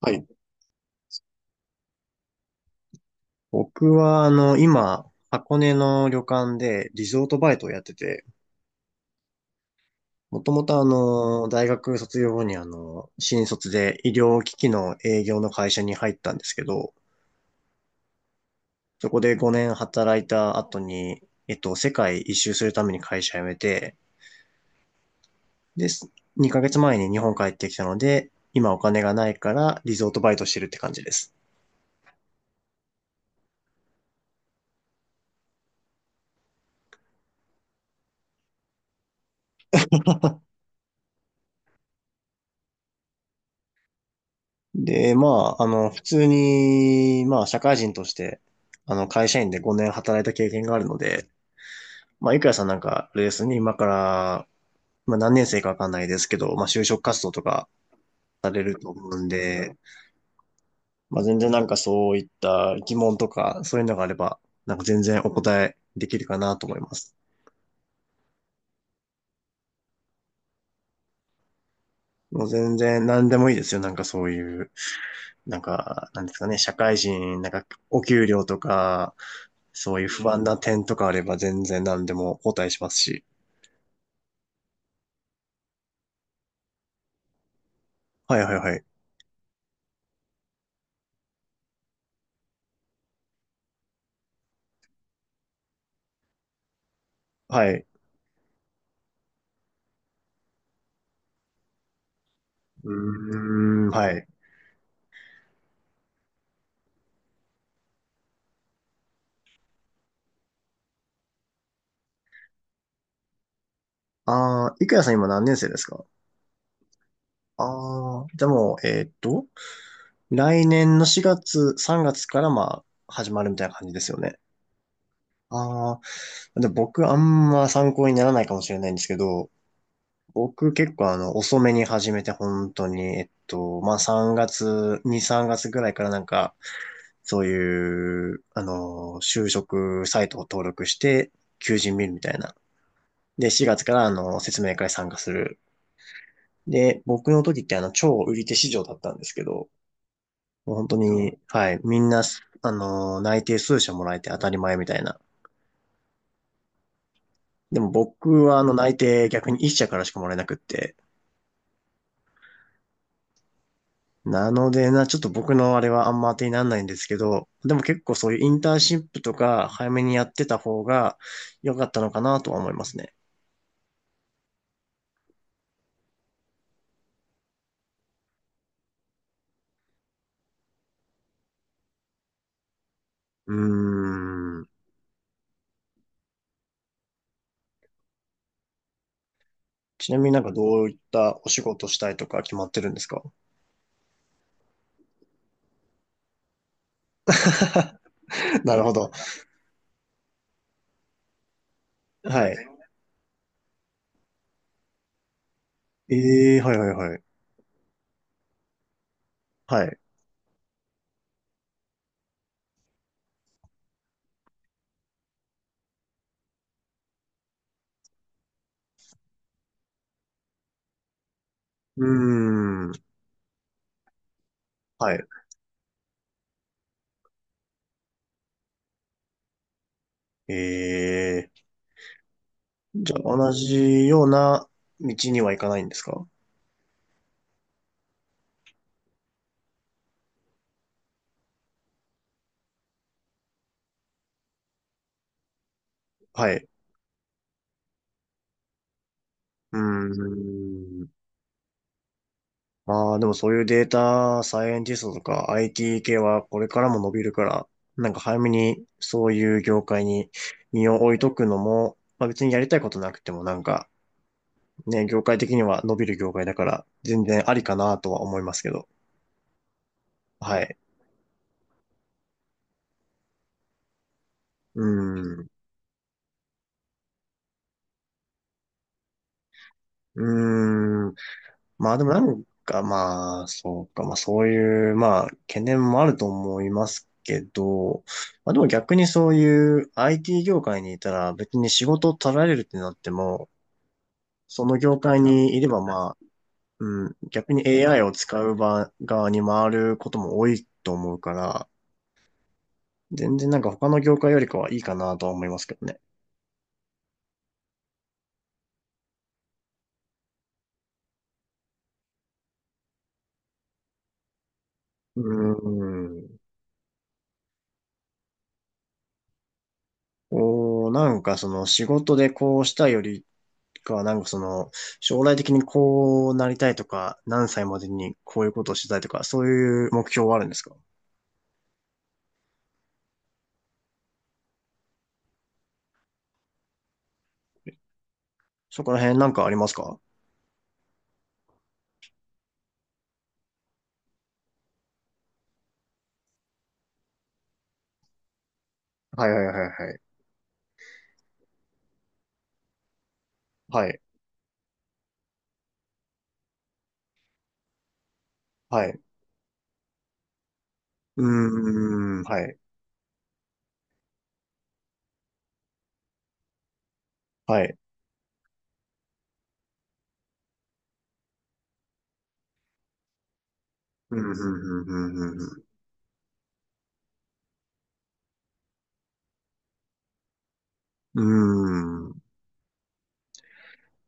はい。僕は、今、箱根の旅館でリゾートバイトをやってて、もともと大学卒業後に新卒で医療機器の営業の会社に入ったんですけど、そこで5年働いた後に、世界一周するために会社辞めて、で、2ヶ月前に日本帰ってきたので、今お金がないからリゾートバイトしてるって感じです。で、まあ、普通に、まあ、社会人として、会社員で5年働いた経験があるので、まあ、いくやさんなんか、レースに今から、まあ、何年生かわかんないですけど、まあ、就職活動とかされると思うんで、まあ、全然なんかそういった疑問とか、そういうのがあれば、なんか全然お答えできるかなと思います。もう全然何でもいいですよ、なんかそういうなんか、なんですかね、社会人、なんか、お給料とか、そういう不安な点とかあれば全然何でもお答えしますし。はいはいはい。はい。うーん、はい。ああ、いくやさん今何年生ですか？ああー、じゃあもう、来年の4月、3月からまあ、始まるみたいな感じですよね。ああ、で僕あんま参考にならないかもしれないんですけど、僕結構あの、遅めに始めて本当に、まあ、3月、2、3月ぐらいからなんか、そういう、あの、就職サイトを登録して、求人見るみたいな。で、4月からあの、説明会参加する。で、僕の時ってあの、超売り手市場だったんですけど、もう本当に、はい、みんな、あの、内定数社もらえて当たり前みたいな。でも僕はあの、内定逆に1社からしかもらえなくって、なのでな、ちょっと僕のあれはあんま当てにならないんですけど、でも結構そういうインターンシップとか早めにやってた方が良かったのかなとは思いますね。うーん。ちなみになんかどういったお仕事したいとか決まってるんですか？ なるほど。はい。ええーはいはいはい。はい。うーん。はい。ええーじゃあ同じような道には行かないんですか？はい。うーん。ああ、でもそういうデータサイエンティストとか IT 系はこれからも伸びるから、なんか早めにそういう業界に身を置いとくのも、まあ別にやりたいことなくてもなんかね、業界的には伸びる業界だから全然ありかなとは思いますけど。はい。うーん。うーん。まあでもなんかまあ、そうか、まあそういう、まあ懸念もあると思いますけど、まあでも逆にそういう IT 業界にいたら別に仕事を取られるってなっても、その業界にいればまあ、うん、逆に AI を使う場側に回ることも多いと思うから、全然なんか他の業界よりかはいいかなとは思いますけどね。うーん。こう、なんかその仕事でこうしたよりか、なんかその、将来的にこうなりたいとか、何歳までにこういうことをしたいとか、そういう目標はあるんですか？そこら辺なんかありますか？はいはいはいはい。はい。はい。うーん、はい。はい。うん、うん、うん、うん、うん。う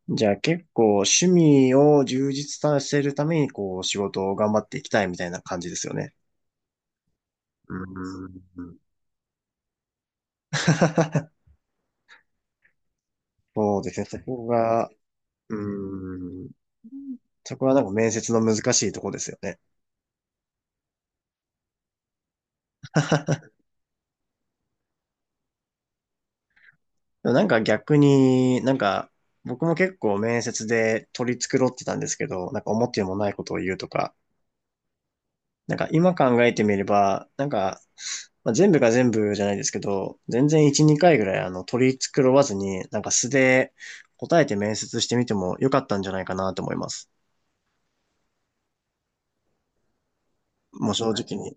ーん。じゃあ結構趣味を充実させるために、こう、仕事を頑張っていきたいみたいな感じですよね。うーん。そうですね。そこが、うーん。そこはなんか面接の難しいとこですよね。でもなんか逆に、なんか、僕も結構面接で取り繕ってたんですけど、なんか思ってもないことを言うとか、なんか今考えてみれば、なんか、まあ、全部が全部じゃないですけど、全然1、2回ぐらいあの取り繕わずに、なんか素で答えて面接してみてもよかったんじゃないかなと思います。もう正直に。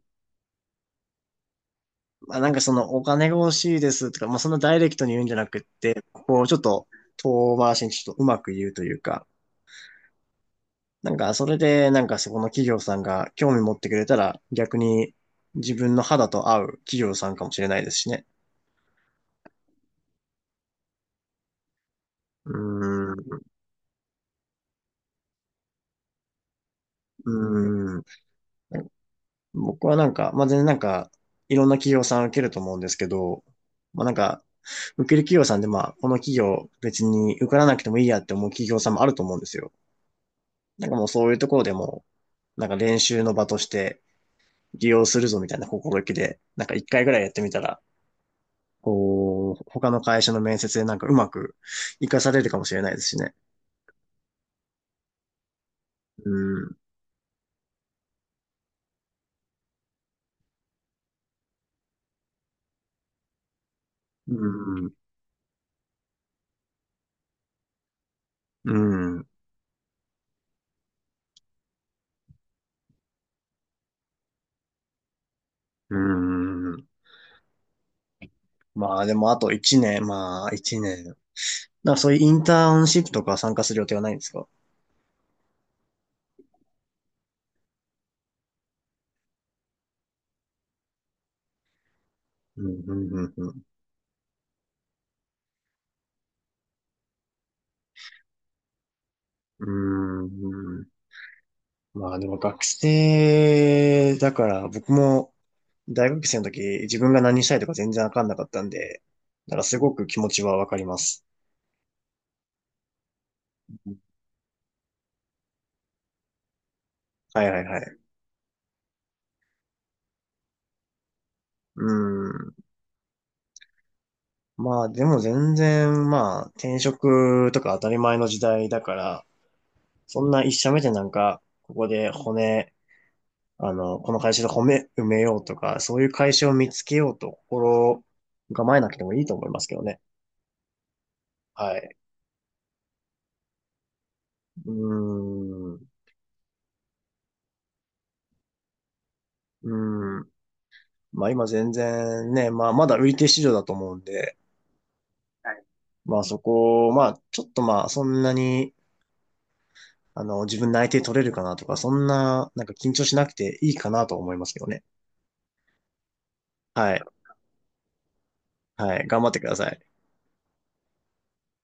まあなんかそのお金が欲しいですとか、まあそんなダイレクトに言うんじゃなくって、こうちょっと遠回しにちょっとうまく言うというか、なんか、それで、なんかそこの企業さんが興味持ってくれたら、逆に自分の肌と合う企業さんかもしれないですしね。うーん、うーん。僕はなんか、まあ、全然なんか、いろんな企業さん受けると思うんですけど、まあ、なんか、受ける企業さんでまあ、この企業別に受からなくてもいいやって思う企業さんもあると思うんですよ。なんかもうそういうところでも、なんか練習の場として利用するぞみたいな心意気で、なんか一回ぐらいやってみたら、こう、他の会社の面接でなんかうまく活かされるかもしれないですしね。うん、うん、うん、うん。まあでもあと1年、まあ1年。だからそういうインターンシップとか参加する予定はないんですか？うん、うん、うん、うん。うーん。まあでも学生だから僕も大学生の時自分が何したいとか全然わかんなかったんで、だからすごく気持ちはわかります。はいはいはい。うーん。まあでも全然まあ転職とか当たり前の時代だから、そんな一社目でなんか、ここで骨、あの、この会社で骨埋めようとか、そういう会社を見つけようと心構えなくてもいいと思いますけどね。はい。うーん。うーん。まあ今全然ね、まあまだ売り手市場だと思うんで、はい。まあそこを、まあちょっとまあそんなに、あの、自分内定取れるかなとか、そんな、なんか緊張しなくていいかなと思いますけどね。はい。はい。頑張ってください。